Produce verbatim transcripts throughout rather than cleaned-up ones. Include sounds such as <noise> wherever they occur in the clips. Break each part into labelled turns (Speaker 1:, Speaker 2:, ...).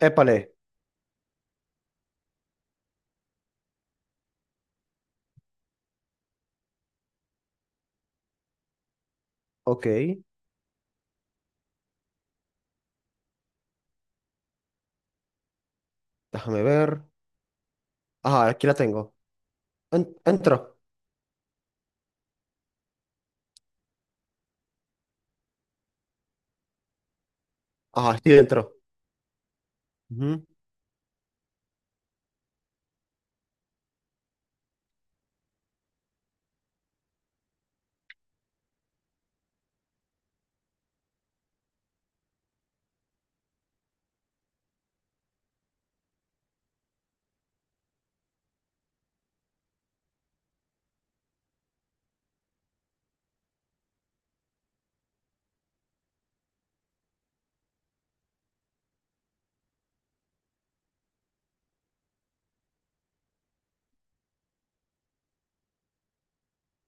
Speaker 1: Épale, ok, déjame ver. Ajá, aquí la tengo. En- entro. Ajá, sí, entro. Ujú.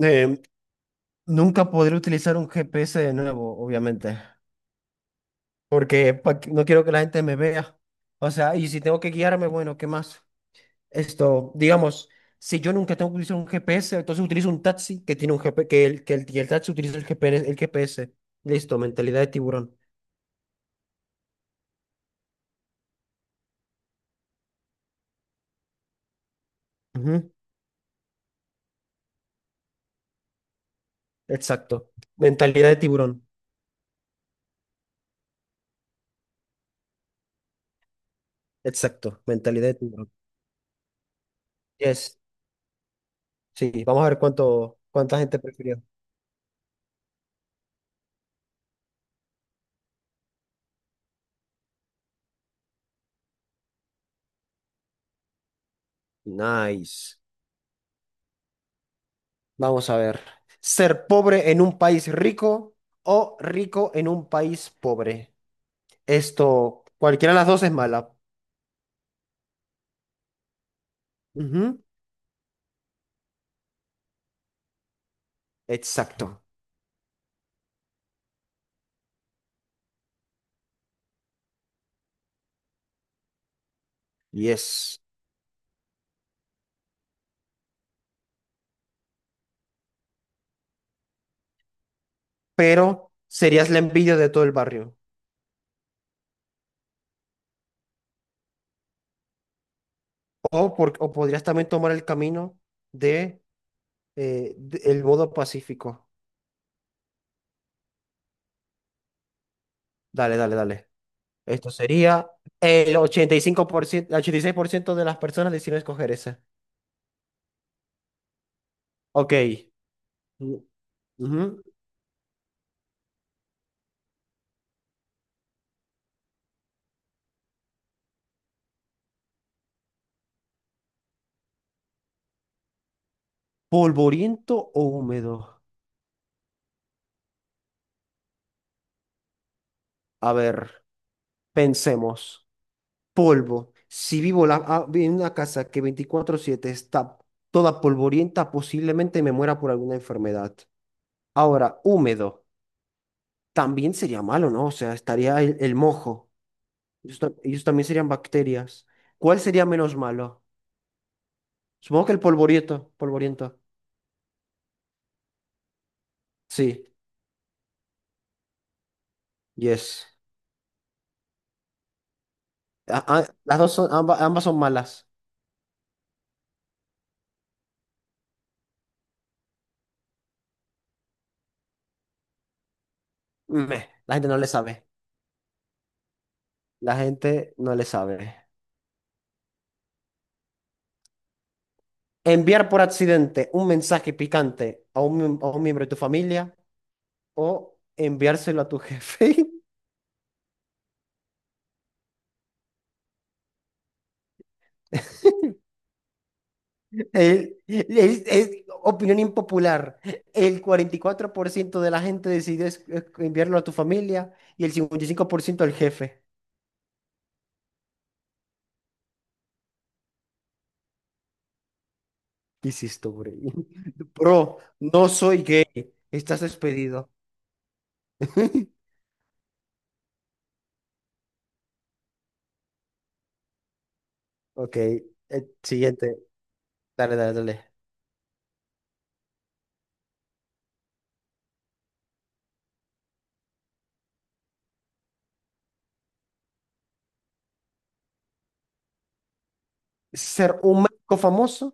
Speaker 1: Eh, Nunca podré utilizar un G P S de nuevo, obviamente, porque pa' no quiero que la gente me vea. O sea, y si tengo que guiarme, bueno, ¿qué más? Esto, digamos, si yo nunca tengo que utilizar un G P S, entonces utilizo un taxi que tiene un G P S, que el, que el, que el taxi utiliza el G P S, el G P S. Listo, mentalidad de tiburón. Ujú. Exacto. Mentalidad de tiburón. Exacto, mentalidad de tiburón. Yes. Sí, vamos a ver cuánto, cuánta gente prefirió. Nice. Vamos a ver. ¿Ser pobre en un país rico o rico en un país pobre? Esto, cualquiera de las dos es mala. Ujú. Exacto. Yes. Pero serías la envidia de todo el barrio. O, por- o podrías también tomar el camino de, eh, de- el modo pacífico. Dale, dale, dale. Esto sería el ochenta y cinco por ciento, el ochenta y seis por ciento de las personas decidieron escoger esa. Ok. Mm. Ujú. ¿Polvoriento o húmedo? A ver, pensemos. Polvo. Si vivo la- ah, vi- en una casa que veinticuatro siete está toda polvorienta, posiblemente me muera por alguna enfermedad. Ahora, húmedo. También sería malo, ¿no? O sea, estaría el, el mojo. Ellos, ta- ellos también serían bacterias. ¿Cuál sería menos malo? Supongo que el polvoriento. Polvoriento. Sí, yes. A- a- las dos son, amba- ambas, son malas. Meh, la gente no le sabe. La gente no le sabe. Enviar por accidente un mensaje picante a un, miem- a un miembro de tu familia o enviárselo a tu jefe. <laughs> El- es, es opinión impopular. El cuarenta y cuatro por ciento de la gente decidió es- es- enviarlo a tu familia y el cincuenta y cinco por ciento al jefe. ¿Qué hiciste, bro? <laughs> Bro, no soy gay. Estás despedido. <laughs> Ok, eh, siguiente. Dale, dale, dale. Ser un médico famoso.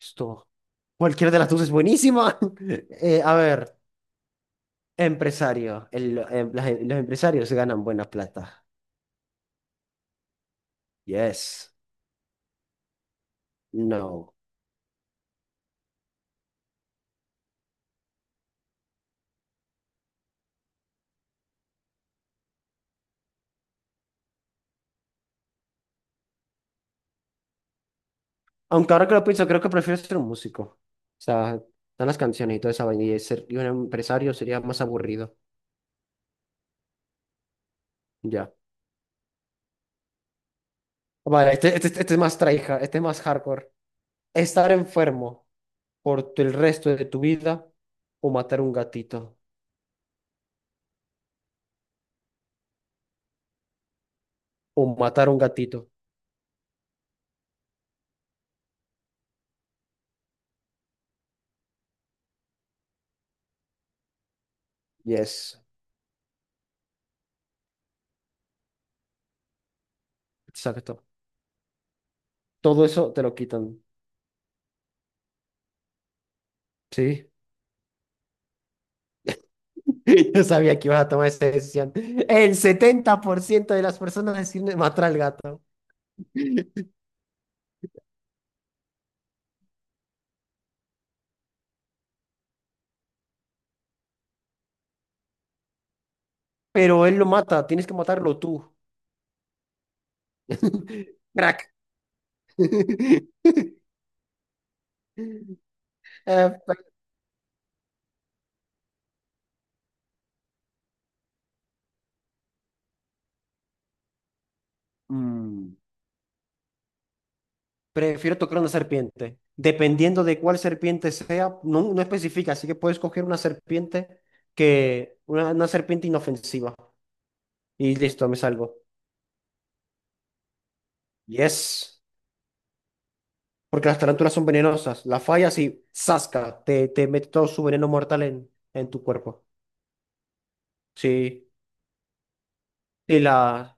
Speaker 1: Esto. Cualquiera de las dos es buenísima. <laughs> Eh, a ver, empresario. El- em- las- los empresarios ganan buena plata. Yes. No. Aunque ahora que lo pienso, creo que prefiero ser un músico. O sea, están las canciones y toda esa vaina. Y ser y un empresario sería más aburrido. Ya. Vale, este, este, este es más traija, este es más hardcore. Estar enfermo por tu- el resto de tu vida o matar un gatito. O matar un gatito. Yes. Exacto. Todo eso te lo quitan. Sí. <laughs> Yo sabía que ibas a tomar esa decisión. El setenta por ciento de las personas deciden matar al gato. Pero él lo mata, tienes que matarlo tú. <laughs> Crack. <laughs> Eh, pe- mm, Prefiero tocar una serpiente. Dependiendo de cuál serpiente sea, no, no especifica, así que puedes coger una serpiente que, una, una serpiente inofensiva. Y listo, me salvo. Yes. Porque las tarántulas son venenosas. La fallas y ¡zasca! Te, te mete todo su veneno mortal en, en tu cuerpo. Sí. Y la...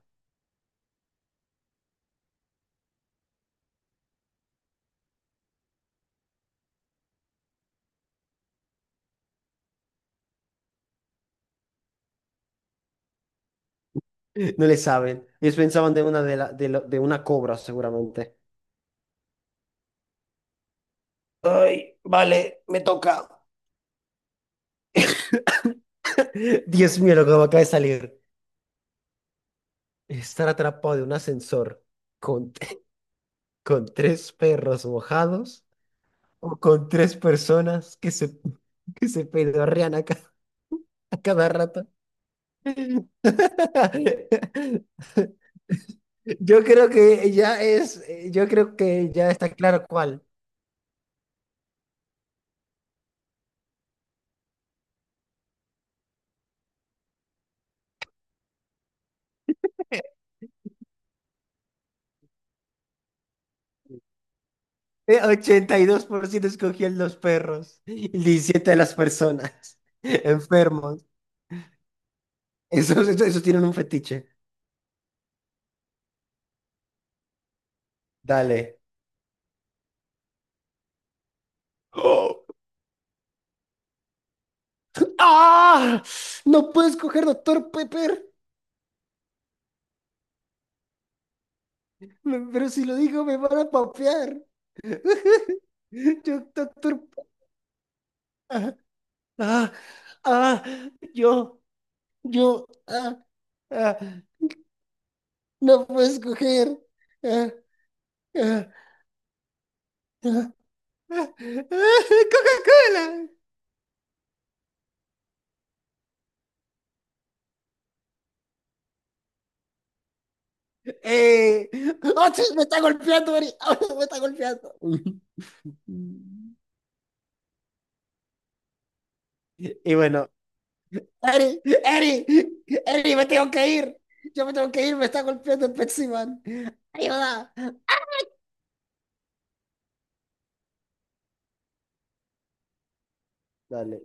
Speaker 1: <laughs> No le saben. Ellos pensaban de una, de la- de lo- de una cobra, seguramente. Ay, vale, me toca. <laughs> Dios mío, lo que me acaba de salir. Estar atrapado de un ascensor con, <laughs> con tres perros mojados o con tres personas que se, <laughs> que se pedorrean a, ca- a cada rato. <laughs> Yo creo que ya es, eh, yo creo que ya está claro cuál. Eh, ochenta y dos por ciento escogían los perros y diecisiete de las personas <laughs> enfermos. Esos, esos, esos tienen un fetiche. Dale. <gasps> ¡Oh! ¡Ah! No puedo escoger Doctor Pepper, Me- pero si lo digo me van a papear. <laughs> Yo, Doctor, ah, ah, ah, yo, yo, ah, ah, no puedo escoger. Ah, ah. Coca-Cola. Eh, ¡Oh, sí, me está golpeando, Ari! <laughs> ¡Oh, me está golpeando! Y bueno, Ari, Ari, Ari, me tengo que ir. Yo me tengo que ir, me está golpeando el Pepsi Man. Ayuda. Dale.